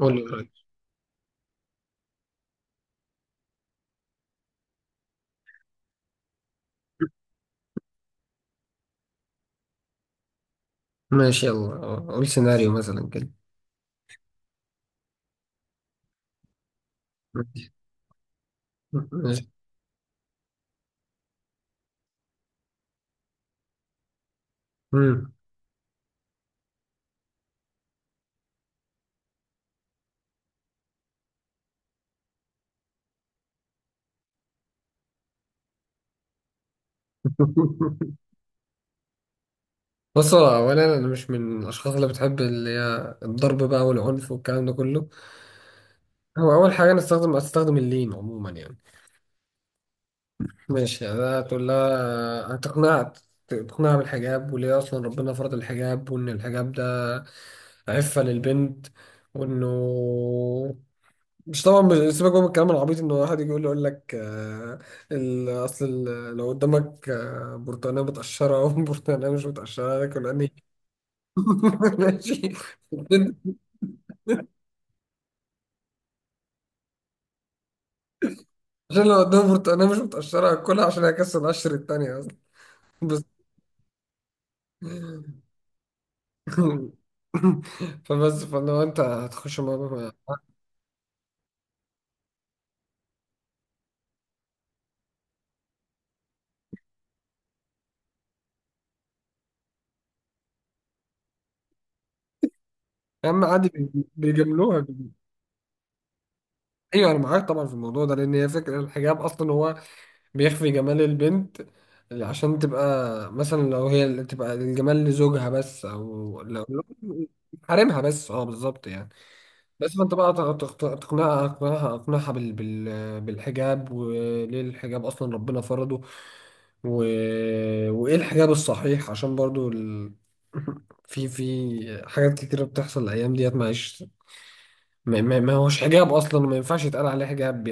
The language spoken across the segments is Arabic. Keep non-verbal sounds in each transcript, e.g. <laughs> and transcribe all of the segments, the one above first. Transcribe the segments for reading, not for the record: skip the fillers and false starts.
قول لي قول لي. ماشي يلا، قول سيناريو مثلا كده. ماشي ماشي. مم. <laughs> بص، هو اولا انا مش من الاشخاص اللي بتحب اللي هي الضرب بقى والعنف والكلام ده كله. هو اول حاجه، انا استخدم اللين عموما يعني. ماشي، ده تقول لها. تقنعها بالحجاب، وليه اصلا ربنا فرض الحجاب، وان الحجاب ده عفه للبنت، وانه مش طبعا، مش سيبك بقى من الكلام العبيط ان واحد يجي يقول لك، اصل لو قدامك، برتقانه متقشره او <laughs> برتقانه مش متقشره، هتاكل انهي؟ <laughs> ماشي. عشان لو قدامك برتقانه مش متقشره هاكلها، عشان هكسر القشر التانية اصلا. بس <laughs> فبس، فلو انت هتخش الموضوع. يا عم عادي، بيجاملوها. ايوه انا معاك طبعا في الموضوع ده، لان هي فكره الحجاب اصلا هو بيخفي جمال البنت، عشان تبقى مثلا لو هي اللي تبقى الجمال لزوجها بس، او لو حارمها بس. اه بالظبط يعني. بس فانت بقى تق- تق- تقنعها اقنعها اقنعها بالحجاب، وليه الحجاب اصلا ربنا فرضه، و... وايه الحجاب الصحيح، عشان برضو <laughs> في حاجات كتيرة بتحصل الايام ديت معيش. ما هوش حجاب اصلا، ما ينفعش يتقال عليه حجاب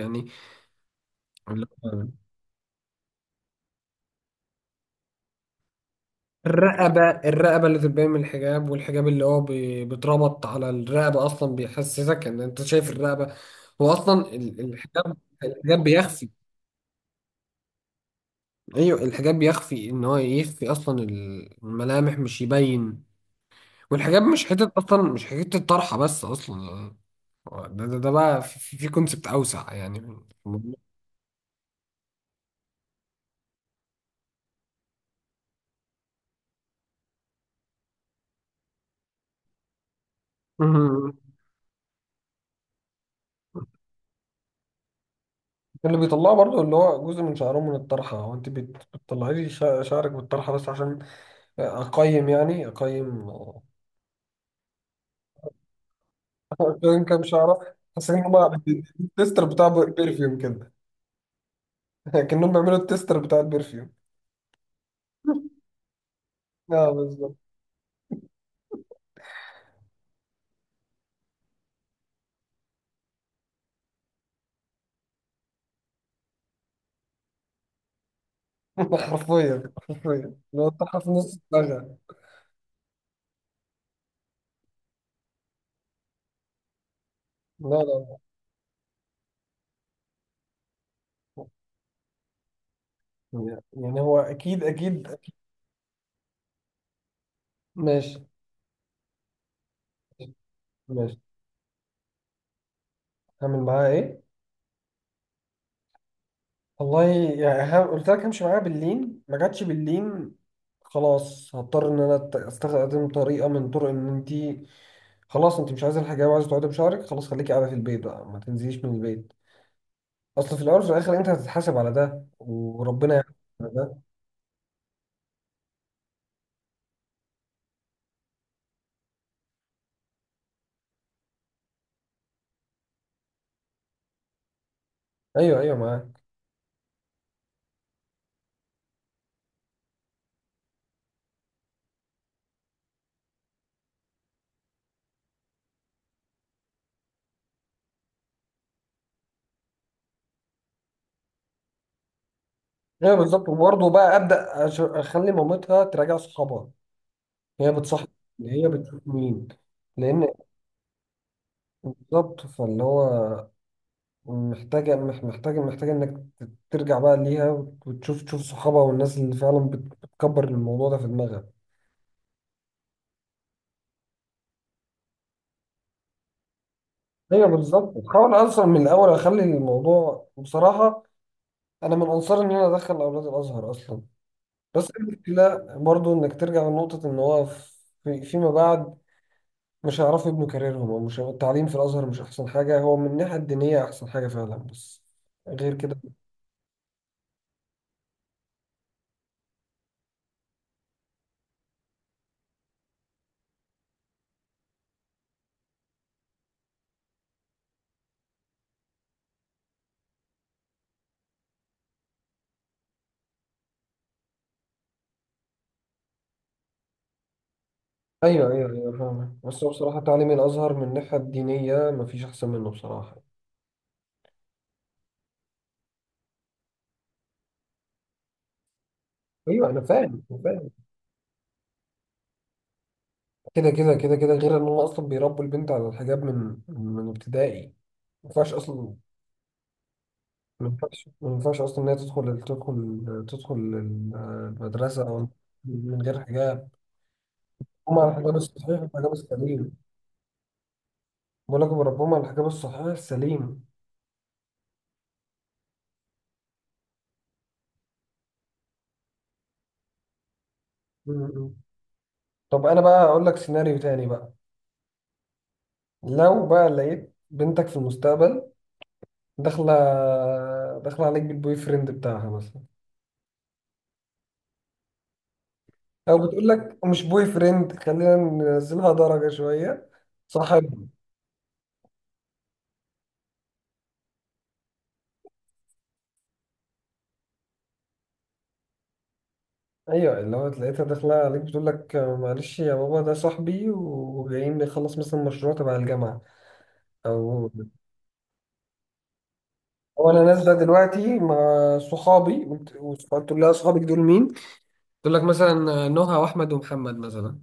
يعني. الرقبة اللي تبان من الحجاب، والحجاب اللي هو بيتربط على الرقبة أصلا، بيحسسك إن أنت شايف الرقبة، هو أصلا الحجاب. الحجاب بيخفي. أيوه الحجاب بيخفي، إن هو يخفي أصلا الملامح مش يبين. والحجاب مش حتة أصلا، مش حتة طرحة بس أصلا، ده بقى في كونسبت أوسع يعني. <laughs> مهم. اللي بيطلعه برضو، اللي هو جزء من شعرهم من الطرحة، هو انت بتطلعي لي شعرك بالطرحة بس عشان اقيم، يعني اقيم. عارفين كام شعرة؟ حاسين هما التستر بتاع بيرفيوم كده. <laughs> كأنهم بيعملوا التستر بتاع البرفيوم. اه بالظبط. <laughs> حرفيا حرفيا لو انت في نص دماغها. لا لا. لا يعني هو اكيد اكيد. ماشي ماشي. هعمل معاها ايه؟ والله، يعني قلت لك همشي معاها باللين، ما جاتش باللين. خلاص هضطر ان انا استخدم طريقه من طرق، ان انت خلاص انت مش عايزه الحجاب وعايزه تقعدي بشعرك، خلاص خليكي قاعده في البيت بقى، ما تنزليش من البيت. اصل في الاول وفي الاخر انت هتتحاسب على ده، وربنا يعلم على ده. ايوه ايوه، معاك. ايوه بالظبط، وبرضه بقى ابدا اخلي مامتها تراجع صحابها. هي بتصاحب مين، هي بتشوف مين؟ لان بالظبط، فاللي هو محتاجه مح- محتاجه محتاجه انك ترجع بقى ليها، وتشوف صحابها، والناس اللي فعلا بتكبر الموضوع ده في دماغها. ايوه بالظبط، بحاول اصلا من الاول اخلي الموضوع بصراحه. انا من انصار ان انا ادخل اولاد الازهر اصلا. بس المشكلة برضو إنك ترجع لنقطة إن هو فيما بعد مش هيعرفوا يبنوا كاريرهم، أو مش التعليم في الأزهر مش أحسن حاجة، هو من الناحية الدينية أحسن حاجة فعلا بس غير كده. أيوه أيوه أيوه فاهمك، بس هو بصراحة تعليم الأزهر من الناحية الدينية مفيش أحسن منه بصراحة. أيوه أنا فاهم، أنا فاهم. كده كده كده كده، غير إن هم أصلا بيربوا البنت على الحجاب من ابتدائي، ما ينفعش أصلا. ما ينفعش، ما ينفعش أصلا إن هي تدخل المدرسة أو من غير حجاب. هم على الحجاب الصحيح والحجاب السليم. بقول لك بربهم على الحجاب الصحيح السليم. م- م. طب انا بقى اقول لك سيناريو تاني بقى. لو بقى لقيت بنتك في المستقبل، داخله داخله عليك بالبوي فريند بتاعها مثلا. او بتقول لك مش بوي فريند، خلينا ننزلها درجه شويه، صاحب. ايوه، اللي هو لقيتها داخله عليك بتقول لك: معلش يا بابا ده صاحبي، وجايين نخلص مثلا مشروع تبع الجامعه. او هو انا نازله دلوقتي مع صحابي. قلت لها: صحابك دول مين؟ تقول لك مثلا نهى واحمد ومحمد مثلا.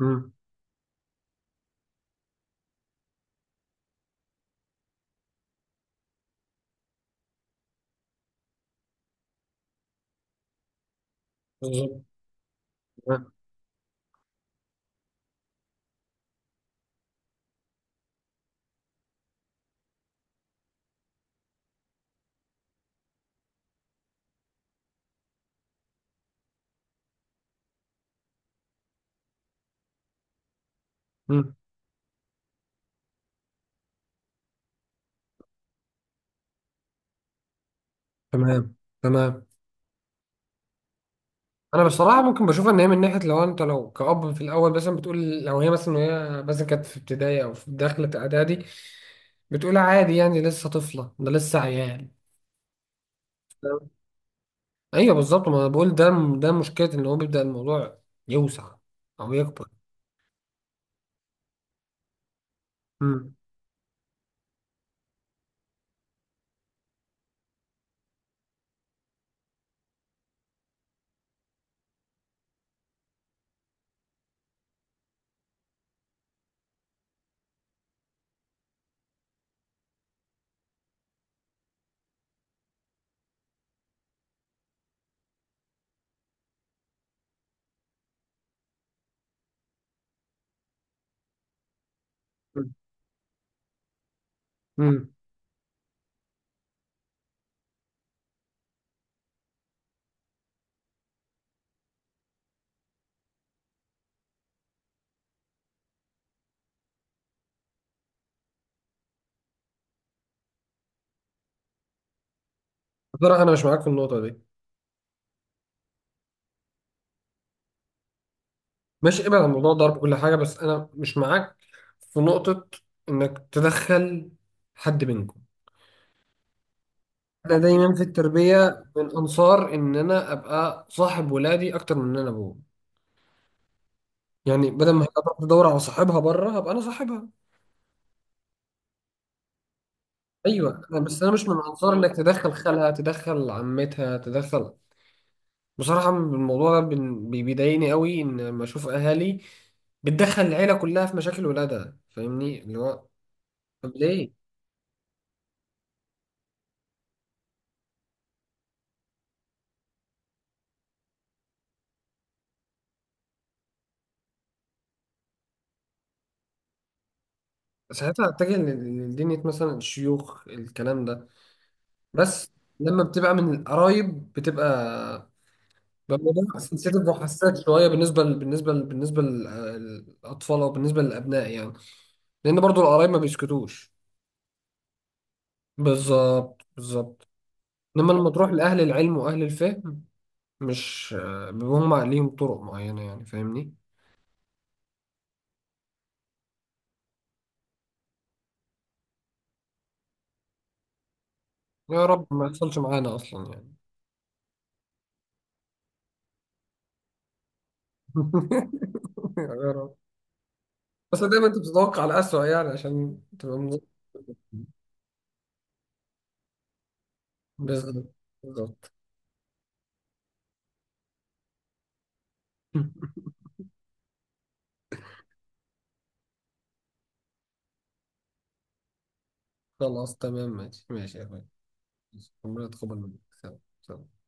امم بالظبط. امم، تمام تمام. انا بصراحه ممكن بشوف ان هي من ناحيه، لو كأب في الاول مثلا بتقول، لو هي مثلا وهي مثلا كانت في ابتدائي او في داخله اعدادي، بتقول عادي يعني لسه طفله، ده لسه عيال. ايوه بالظبط، ما انا بقول ده، ده مشكله ان هو بيبدا الموضوع يوسع او يكبر. امم. امم. بصراحه انا مش معاك في النقطه دي. ماشي، ابعد عن موضوع الضرب كل حاجة، بس أنا مش معاك في نقطة إنك تدخل حد منكم. أنا دايما في التربية من أنصار إن أنا أبقى صاحب ولادي أكتر من إن أنا أبوه، يعني بدل ما هي تروح تدور على صاحبها بره، هبقى أنا صاحبها. أيوه أنا، بس أنا مش من أنصار إنك تدخل خالها، تدخل عمتها، تدخل. بصراحة الموضوع ده بيضايقني قوي، إن لما أشوف أهالي بتدخل العيلة كلها في مشاكل ولادها، فاهمني اللي هو. طب ليه؟ ساعتها اتجه لدينية، مثلا الشيوخ الكلام ده بس. لما بتبقى من القرايب بتبقى، بيبقى الموضوع سنسيتيف وحساس شويه، بالنسبه للاطفال او بالنسبه للابناء يعني، لان برضو القرايب ما بيسكتوش. بالظبط بالظبط. انما لما تروح لاهل العلم واهل الفهم، مش بيبقوا هم ليهم طرق معينه يعني، فاهمني. يا رب ما يحصلش معانا اصلا يعني. <laughs> يا رب. بس دايما انت بتتوقع الأسوأ يعني عشان تبقى. بالظبط بالظبط. <laughs> خلاص تمام، ماشي ماشي يا اخويا. ماشي. ربنا يتقبل منك، سلام سلام.